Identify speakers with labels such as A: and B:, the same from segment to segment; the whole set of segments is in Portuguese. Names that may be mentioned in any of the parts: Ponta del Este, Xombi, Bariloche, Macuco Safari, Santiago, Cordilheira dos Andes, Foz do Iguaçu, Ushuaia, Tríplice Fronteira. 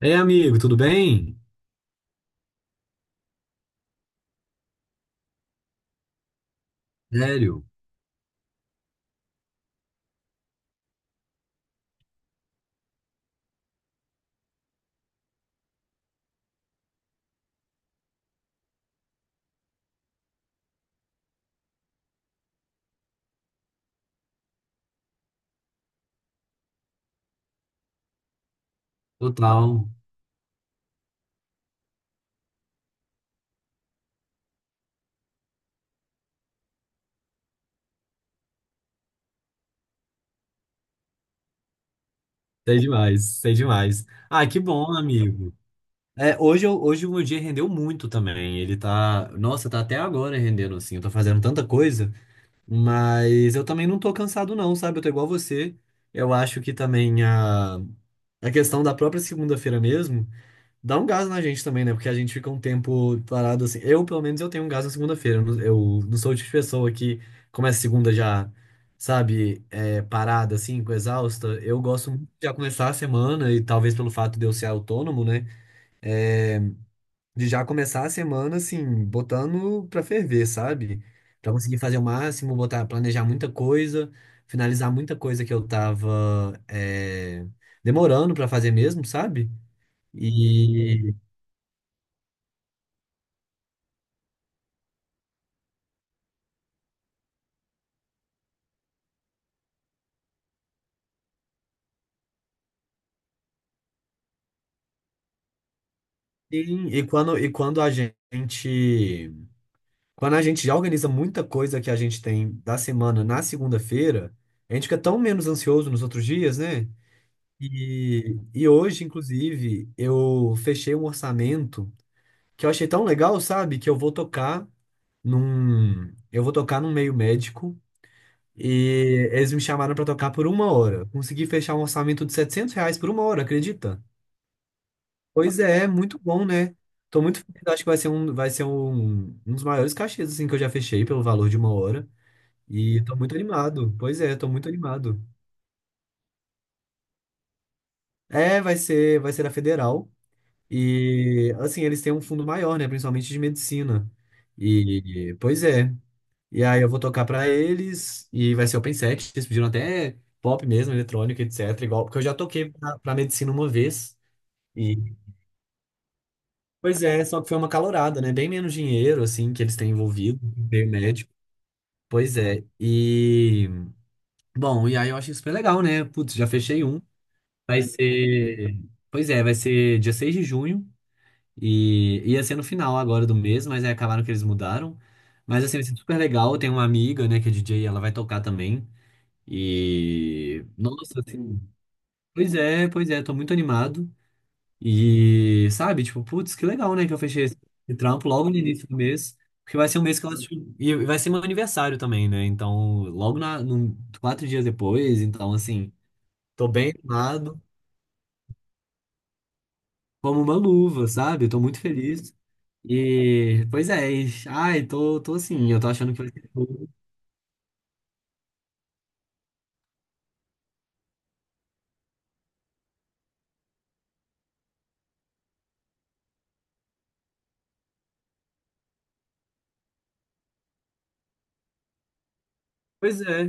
A: Ei, amigo, tudo bem? Sério? Total. Sei demais, sei demais. Ah, que bom, amigo. É, hoje, hoje o meu dia rendeu muito também. Ele tá. Nossa, tá até agora rendendo, assim. Eu tô fazendo tanta coisa, mas eu também não tô cansado, não, sabe? Eu tô igual você. Eu acho que também a questão da própria segunda-feira mesmo. Dá um gás na gente também, né? Porque a gente fica um tempo parado assim. Eu, pelo menos, eu tenho um gás na segunda-feira. Não, eu não sou o tipo de pessoa que começa segunda já, sabe, parada, assim, com exausta. Eu gosto muito de já começar a semana, e talvez pelo fato de eu ser autônomo, né? é, de já começar a semana, assim, botando pra ferver, sabe? Pra conseguir fazer o máximo, botar, planejar muita coisa, finalizar muita coisa que eu tava, demorando pra fazer mesmo, sabe? E Sim, e quando a gente já organiza muita coisa que a gente tem da semana na segunda-feira, a gente fica tão menos ansioso nos outros dias, né? E hoje, inclusive, eu fechei um orçamento que eu achei tão legal, sabe? Que eu vou tocar num meio médico e eles me chamaram pra tocar por uma hora. Consegui fechar um orçamento de R$ 700 por uma hora, acredita? Pois é, muito bom, né? Tô muito feliz, acho que vai ser um, um dos maiores cachês assim, que eu já fechei pelo valor de uma hora. E tô muito animado. Pois é, tô muito animado. É, vai ser a federal. E assim, eles têm um fundo maior, né? Principalmente de medicina. E pois é. E aí eu vou tocar pra eles e vai ser open set. Eles pediram até pop mesmo, eletrônico, etc. Igual, porque eu já toquei pra medicina uma vez. Pois é, só que foi uma calorada, né? Bem menos dinheiro, assim, que eles têm envolvido, ter médico. Pois é. Bom, e aí eu achei super legal, né? Putz, já fechei um. Vai ser. Pois é, vai ser dia 6 de junho. E ia ser no final agora do mês, mas aí acabaram que eles mudaram. Mas assim, vai ser super legal. Eu tenho uma amiga, né, que é DJ, e ela vai tocar também. Nossa, assim. Pois é, tô muito animado. E, sabe, tipo, putz, que legal, né, que eu fechei esse trampo logo no início do mês, porque vai ser um mês que eu acho. E vai ser meu aniversário também, né, então, logo 4 dias depois, então, assim, tô bem animado, como uma luva, sabe, eu tô muito feliz. E, pois é, ai, tô assim, eu tô achando que vai ser tudo. Pois é,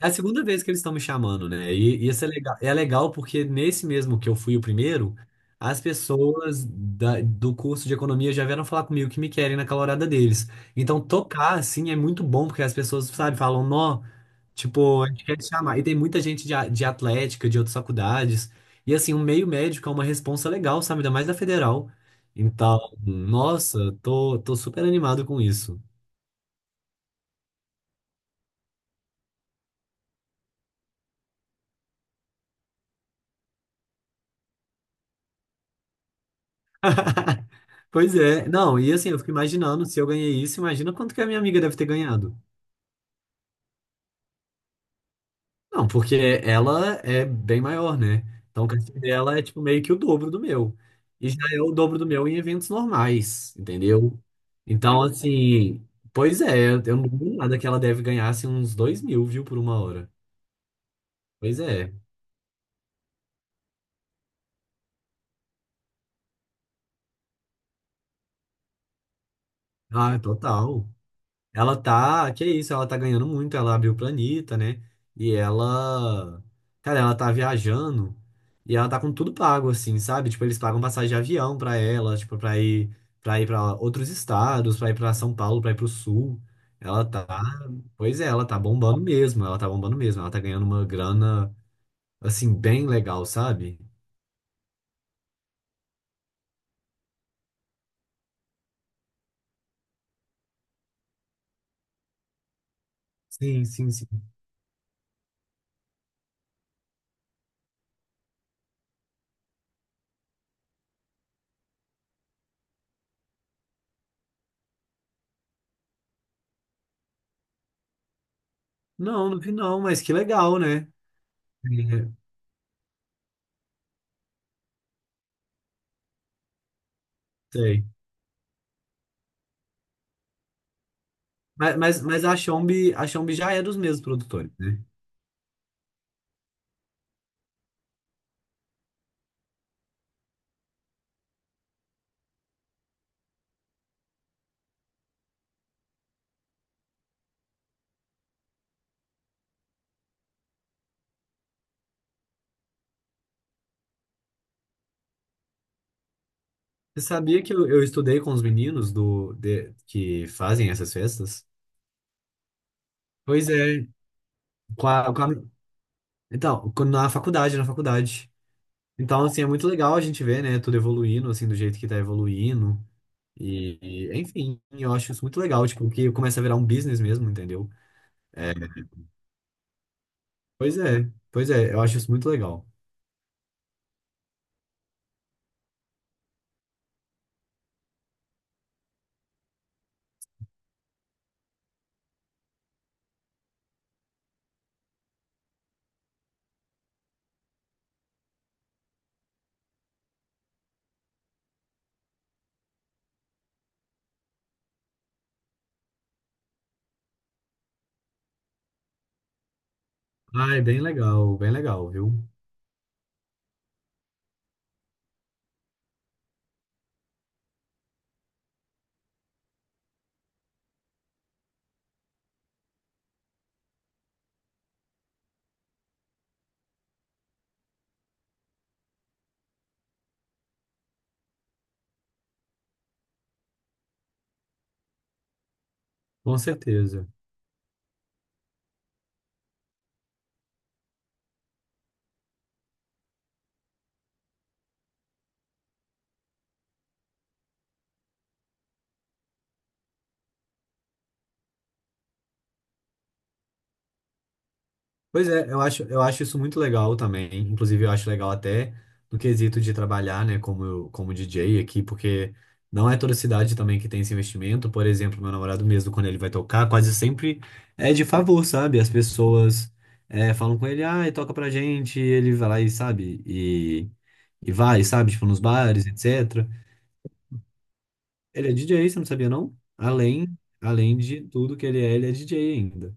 A: É a segunda vez que eles estão me chamando, né? E isso é legal porque nesse mesmo que eu fui o primeiro, as pessoas do curso de economia já vieram falar comigo que me querem naquela horada deles. Então, tocar, assim, é muito bom, porque as pessoas, sabe, falam, nó, tipo, a gente quer te chamar. E tem muita gente de atlética, de outras faculdades. E, assim, um meio médico é uma responsa legal, sabe? Ainda mais da federal. Então, nossa, tô super animado com isso. Pois é, não, e assim, eu fico imaginando, se eu ganhei isso, imagina quanto que a minha amiga deve ter ganhado. Não, porque ela é bem maior, né? Então o cachê dela é tipo meio que o dobro do meu. E já é o dobro do meu em eventos normais, entendeu? Então, assim, pois é, eu não duvido nada que ela deve ganhar assim, uns 2.000, viu, por uma hora. Pois é. Ah, total. Ela tá, que isso, ela tá ganhando muito, ela abriu o planeta, né? E ela, cara, ela tá viajando e ela tá com tudo pago assim, sabe? Tipo, eles pagam passagem de avião pra ela, tipo, pra ir para ir para outros estados, pra ir pra São Paulo, pra ir pro sul. Ela tá, pois é, ela tá bombando mesmo, ela tá bombando mesmo, ela tá ganhando uma grana assim bem legal, sabe? Sim, sim, sim. Não, não vi não, mas que legal, né? É, sei. Mas a Xombi já é dos mesmos produtores, né? Você sabia que eu estudei com os meninos que fazem essas festas? Pois é, com a- com a- então, na faculdade. Então, assim, é muito legal a gente ver, né, tudo evoluindo, assim, do jeito que tá evoluindo. E, e, enfim, eu acho isso muito legal, tipo, que começa a virar um business mesmo, entendeu? É, pois é, pois é, eu acho isso muito legal. Ai, bem legal, viu? Com certeza. Pois é, eu acho isso muito legal também. Inclusive, eu acho legal até no quesito de trabalhar, né, como DJ aqui, porque não é toda cidade também que tem esse investimento. Por exemplo, meu namorado mesmo, quando ele vai tocar, quase sempre é de favor, sabe? As pessoas falam com ele, ah, toca pra gente, e ele vai lá e sabe, e vai, sabe, tipo, nos bares, etc. Ele é DJ, você não sabia, não? Além, além de tudo que ele é DJ ainda.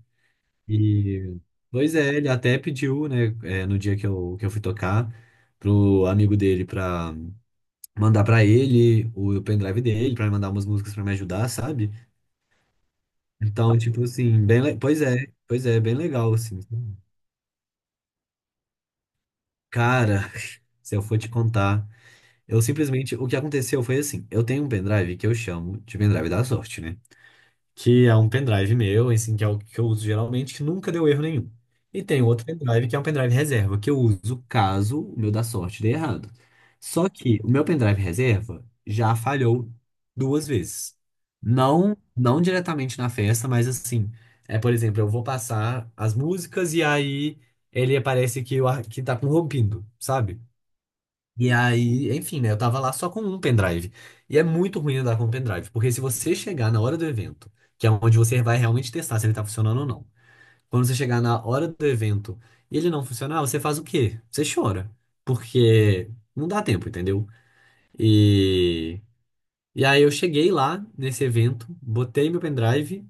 A: E, pois é, ele até pediu, né, no dia que que eu fui tocar, pro amigo dele pra mandar pra ele o pendrive dele, pra ele mandar umas músicas pra me ajudar, sabe? Então, tipo assim, pois é, bem legal, assim. Cara, se eu for te contar, eu simplesmente, o que aconteceu foi assim, eu tenho um pendrive que eu chamo de pendrive da sorte, né? Que é um pendrive meu, assim, que é o que eu uso geralmente, que nunca deu erro nenhum. E tem outro pendrive que é um pendrive reserva, que eu uso caso o meu da sorte dê errado. Só que o meu pendrive reserva já falhou duas vezes. Não, não diretamente na festa, mas assim, por exemplo, eu vou passar as músicas e aí ele aparece que, que tá corrompido, sabe? E aí, enfim, né? Eu tava lá só com um pendrive. E é muito ruim andar com um pendrive, porque se você chegar na hora do evento, que é onde você vai realmente testar se ele tá funcionando ou não, quando você chegar na hora do evento e ele não funcionar, você faz o quê? Você chora, porque não dá tempo, entendeu? E, e aí eu cheguei lá nesse evento, botei meu pendrive.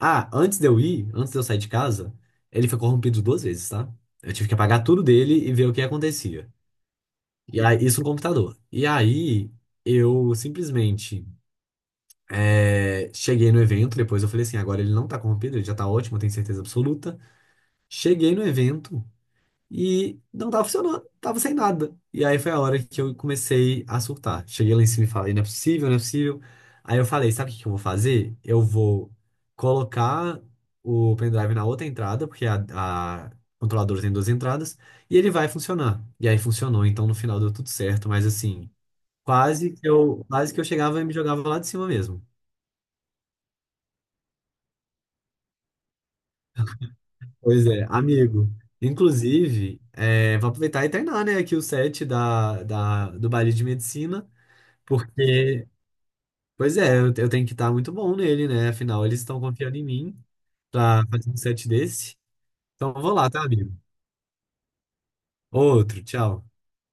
A: Ah, antes de eu ir, antes de eu sair de casa, ele foi corrompido duas vezes, tá? Eu tive que apagar tudo dele e ver o que acontecia. E aí, isso no computador. E aí eu simplesmente cheguei no evento, depois eu falei assim, agora ele não tá corrompido, ele já tá ótimo, eu tenho certeza absoluta. Cheguei no evento e não tava funcionando, tava sem nada. E aí foi a hora que eu comecei a surtar. Cheguei lá em cima e falei, não é possível, não é possível. Aí eu falei, sabe o que que eu vou fazer? Eu vou colocar o pendrive na outra entrada, porque a controladora tem duas entradas, e ele vai funcionar. E aí funcionou, então no final deu tudo certo, mas assim. Quase que eu chegava e me jogava lá de cima mesmo. Pois é, amigo. Inclusive, vou aproveitar e treinar, né, aqui o set do baile de medicina, porque, pois é, eu tenho que estar muito bom nele, né? Afinal, eles estão confiando em mim pra fazer um set desse. Então, eu vou lá, tá, amigo? Outro, tchau.